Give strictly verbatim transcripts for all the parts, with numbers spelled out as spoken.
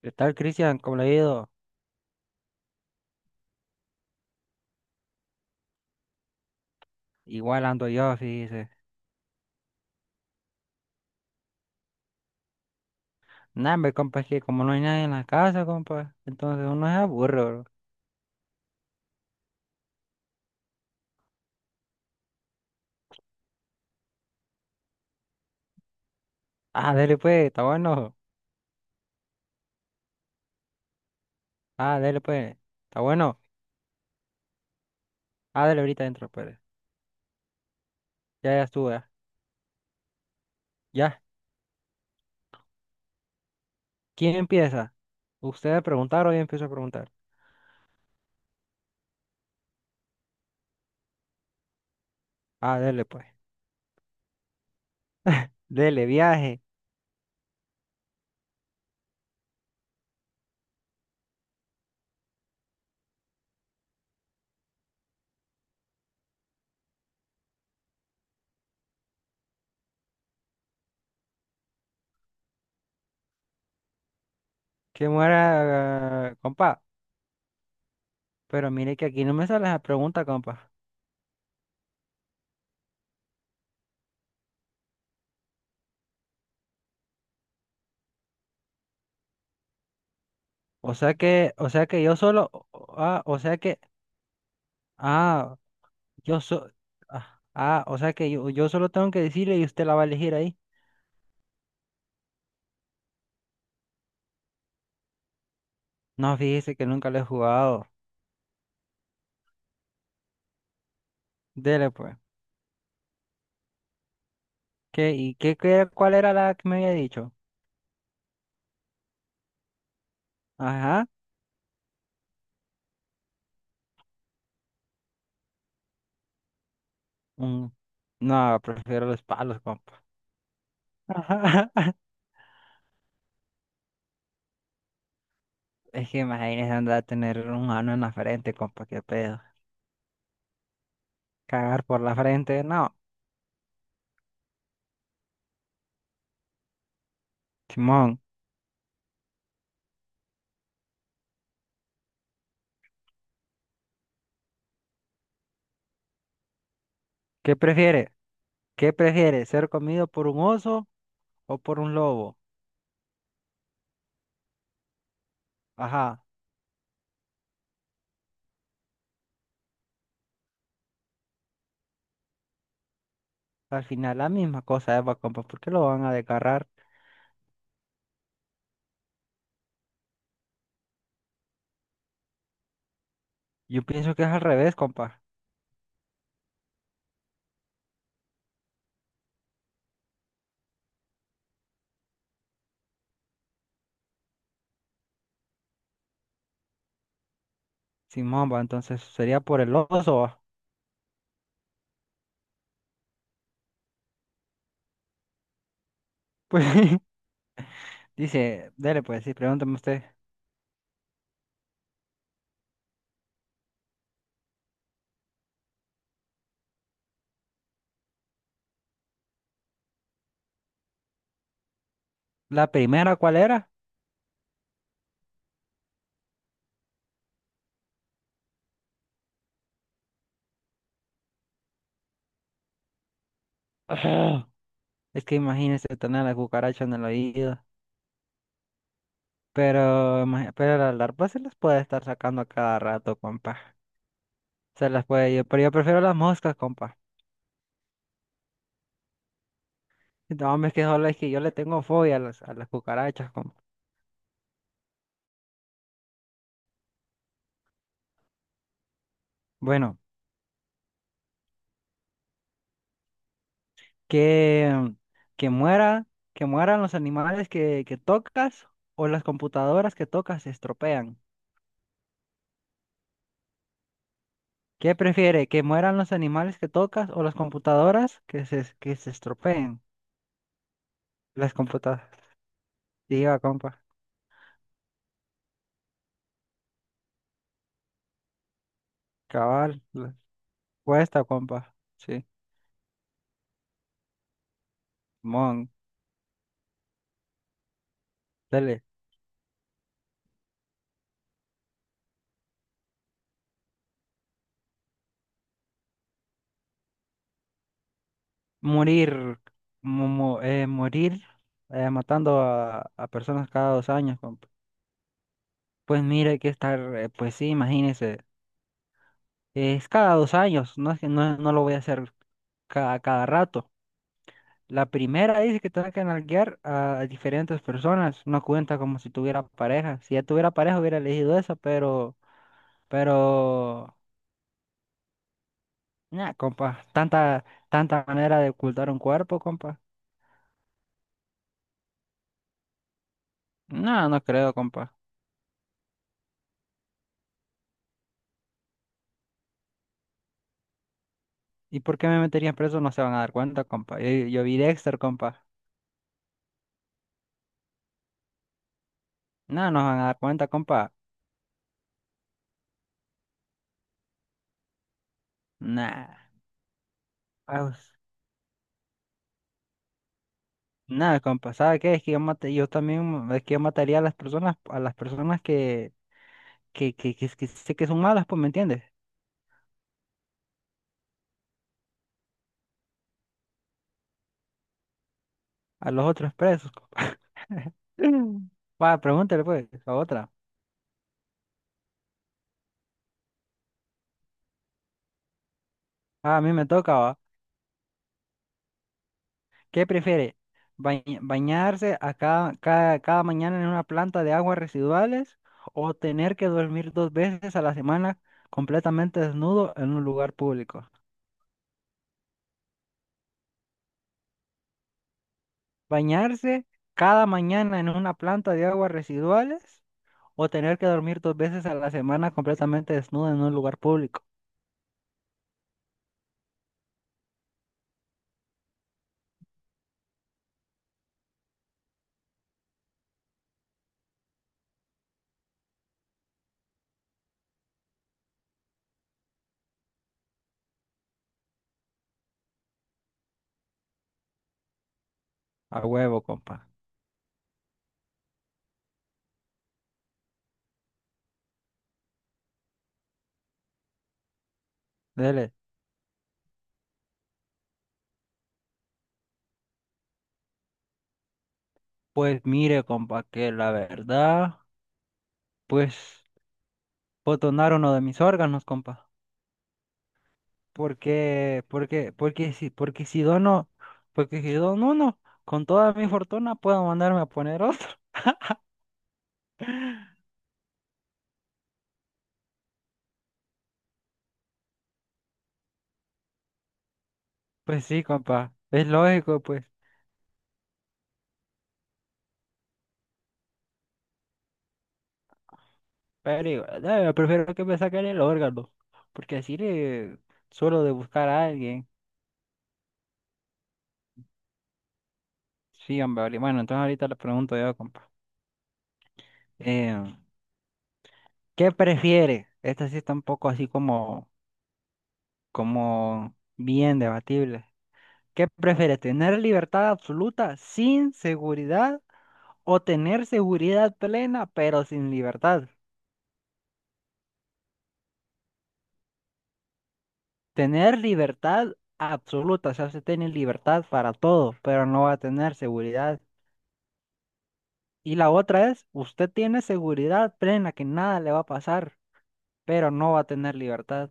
¿Qué tal, Cristian? ¿Cómo le ha ido? Igual ando yo, dice. Nah, hombre, compa, es que como no hay nadie en la casa, compa, entonces uno se aburre, bro. Ah, dele pues, está bueno. Ah, dele pues, está bueno. Ah, dele ahorita adentro, pues. Ya, ya estuve. Ya. Ya. ¿Quién empieza? ¿Usted a preguntar o yo empiezo a preguntar? Ah, dele pues. Dele, viaje. Que muera, eh, compa. Pero mire que aquí no me sale la pregunta, compa. O sea que, o sea que yo solo, o- ah, o sea que, ah. Yo so... Ah, ah, o sea que yo, yo solo tengo que decirle y usted la va a elegir ahí. No, fíjese que nunca lo he jugado. Dele pues. ¿Qué, y qué, qué- cuál era la que me había dicho? Ajá. mm, no, prefiero los palos, compa. Es que imagínese andar a tener un ano en la frente, compa, qué pedo. Cagar por la frente, no. Simón, ¿qué prefiere? ¿Qué prefiere? ¿Ser comido por un oso o por un lobo? Ajá. Al final la misma cosa, Eva, compa, ¿por qué lo van a desgarrar? Yo pienso que es al revés, compa. Sin mamba, entonces sería por el oso, va. Pues dice, dele pues, sí, pregúntame usted. ¿La primera cuál era? Ah, es que imagínese tener la cucaracha en el oído. Pero, imagi- pero las larvas se las puede estar sacando a cada rato, compa. Se las puede yo, pero yo prefiero las moscas, compa. No, hombre, es que solo es que yo le tengo fobia a las, a las cucarachas, compa. Bueno. Que, que muera, que mueran los animales que, que tocas o las computadoras que tocas se estropean. ¿Qué prefiere? ¿Que mueran los animales que tocas o las computadoras que se, que se estropeen? Las computadoras. Diga, compa. Cabal, la- cuesta, compa. Sí. Mon. Dele. Morir. mu- mu- eh, morir eh, Matando a, a personas cada dos años, compa. Pues mire que estar, eh, pues sí, imagínese. Es cada dos años, no, es que no, no lo voy a hacer cada, cada rato. La primera dice que tengo que nalguear a diferentes personas, no cuenta como si tuviera pareja. Si ya tuviera pareja hubiera elegido esa, pero, pero, nah, compa, tanta, tanta manera de ocultar un cuerpo, compa. No, no creo, compa. ¿Y por qué me meterían preso? No se van a dar cuenta, compa. Yo, yo vi Dexter, compa. No, no se van a dar cuenta, compa. Nah. Nada, compa, ¿sabe qué? Es que yo, mate- yo también, es que yo mataría a las personas, a las personas que, que, que, que, que sé que son malas, pues, ¿me entiendes? A los otros presos, compa. Mm. Va, pregúntale, pues, a otra. Ah, a mí me toca, va. ¿Qué prefiere? Bañ- ¿Bañarse a cada, cada, cada mañana en una planta de aguas residuales o tener que dormir dos veces a la semana completamente desnudo en un lugar público? ¿Bañarse cada mañana en una planta de aguas residuales? O tener que dormir dos veces a la semana completamente desnudo en un lugar público. A huevo, compa. Dele. Pues mire, compa, que la verdad, pues, puedo donar uno de mis órganos, compa. Porque, porque, porque si, porque si dono, porque si dono uno, con toda mi fortuna puedo mandarme a poner otro. Pues sí, compa. Es lógico, pues. Pero igual, eh, prefiero que me saquen el órgano. Porque así le suelo de buscar a alguien. Sí, hombre, vale. Bueno, entonces ahorita le pregunto yo, compa. Eh, ¿Qué prefiere? Esta sí está un poco así como, como bien debatible. ¿Qué prefiere? ¿Tener libertad absoluta sin seguridad o tener seguridad plena pero sin libertad? Tener libertad absoluta, o sea, usted tiene libertad para todo, pero no va a tener seguridad. Y la otra es, usted tiene seguridad plena que nada le va a pasar, pero no va a tener libertad.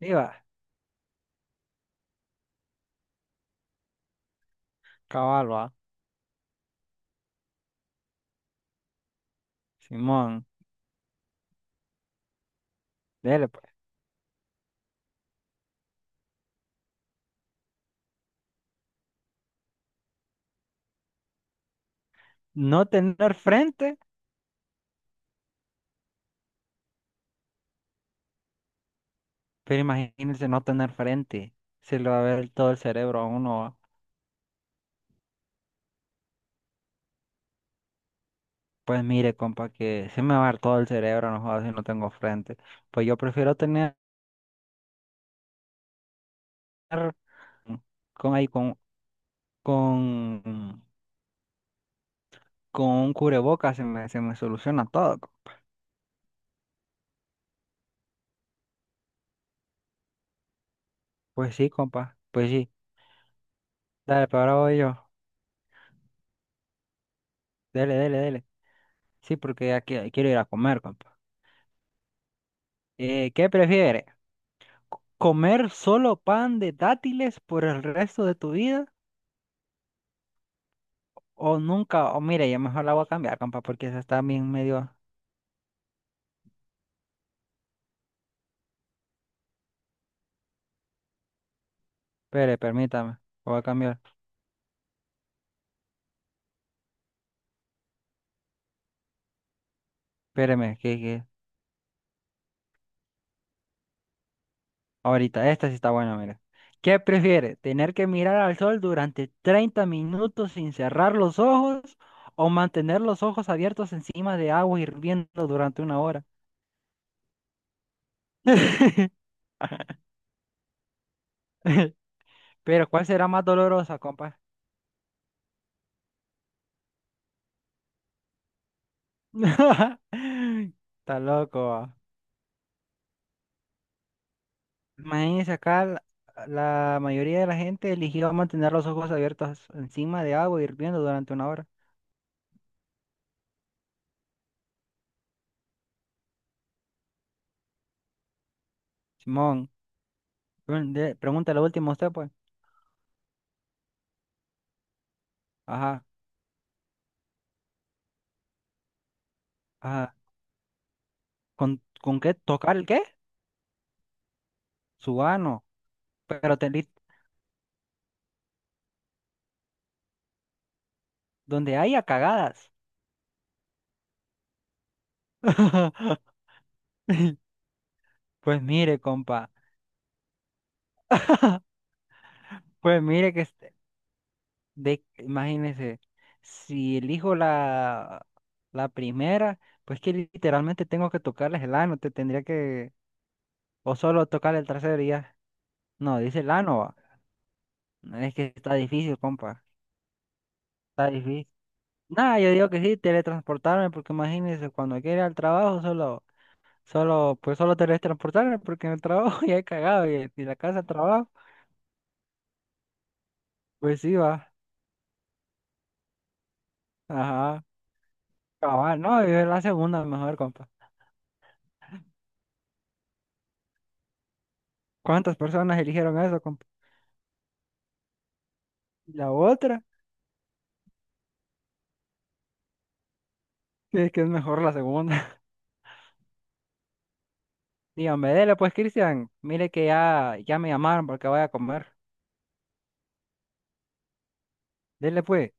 Viva, caballo, Simón, dele pues. No tener frente. Pero imagínense no tener frente. Se le va a ver todo el cerebro a uno. Pues mire, compa, que se me va a ver todo el cerebro, no jodas si no tengo frente. Pues yo prefiero tener con ahí con con con un cubrebocas se me, se me soluciona todo. co- Pues sí, compa. Pues sí. Dale, pero ahora voy yo. Dele, dele, dele. Sí, porque ya qui- quiero ir a comer, compa. Eh, ¿qué prefiere? ¿Comer solo pan de dátiles por el resto de tu vida? O nunca, o mire, ya mejor la voy a cambiar, compa, porque esa está bien medio. Espere, permítame, la voy a cambiar. Espéreme, que, que... ahorita, esta sí está buena, mire. ¿Qué prefiere? ¿Tener que mirar al sol durante treinta minutos sin cerrar los ojos o mantener los ojos abiertos encima de agua hirviendo durante una hora? Pero, ¿cuál será más dolorosa, compa? Está loco. Maíz, acá la la mayoría de la gente eligió mantener los ojos abiertos encima de agua hirviendo durante una hora. Simón, pre- de- pregunta la última usted, pues. Ajá, ajá. ¿Con, con qué tocar el qué? Su ano. Pero te li- Donde haya cagadas. Pues mire, compa. Pues mire que este- de, imagínese, si elijo la, la primera, pues que literalmente tengo que tocarles el ano, te tendría que, o solo tocar el trasero y ya. No, dice la Lanova. Es que está difícil, compa. Está difícil. Nada, yo digo que sí, teletransportarme, porque imagínense, cuando quiera al trabajo, solo, solo, pues solo teletransportarme, porque en el trabajo ya he cagado, y de la casa al trabajo, pues sí va. Ajá. Cabal, no, yo la segunda mejor, compa. ¿Cuántas personas eligieron eso, compa? La otra, es que es mejor la segunda. Dígame, dele pues, Cristian, mire que ya, ya me llamaron porque voy a comer. Dele pues.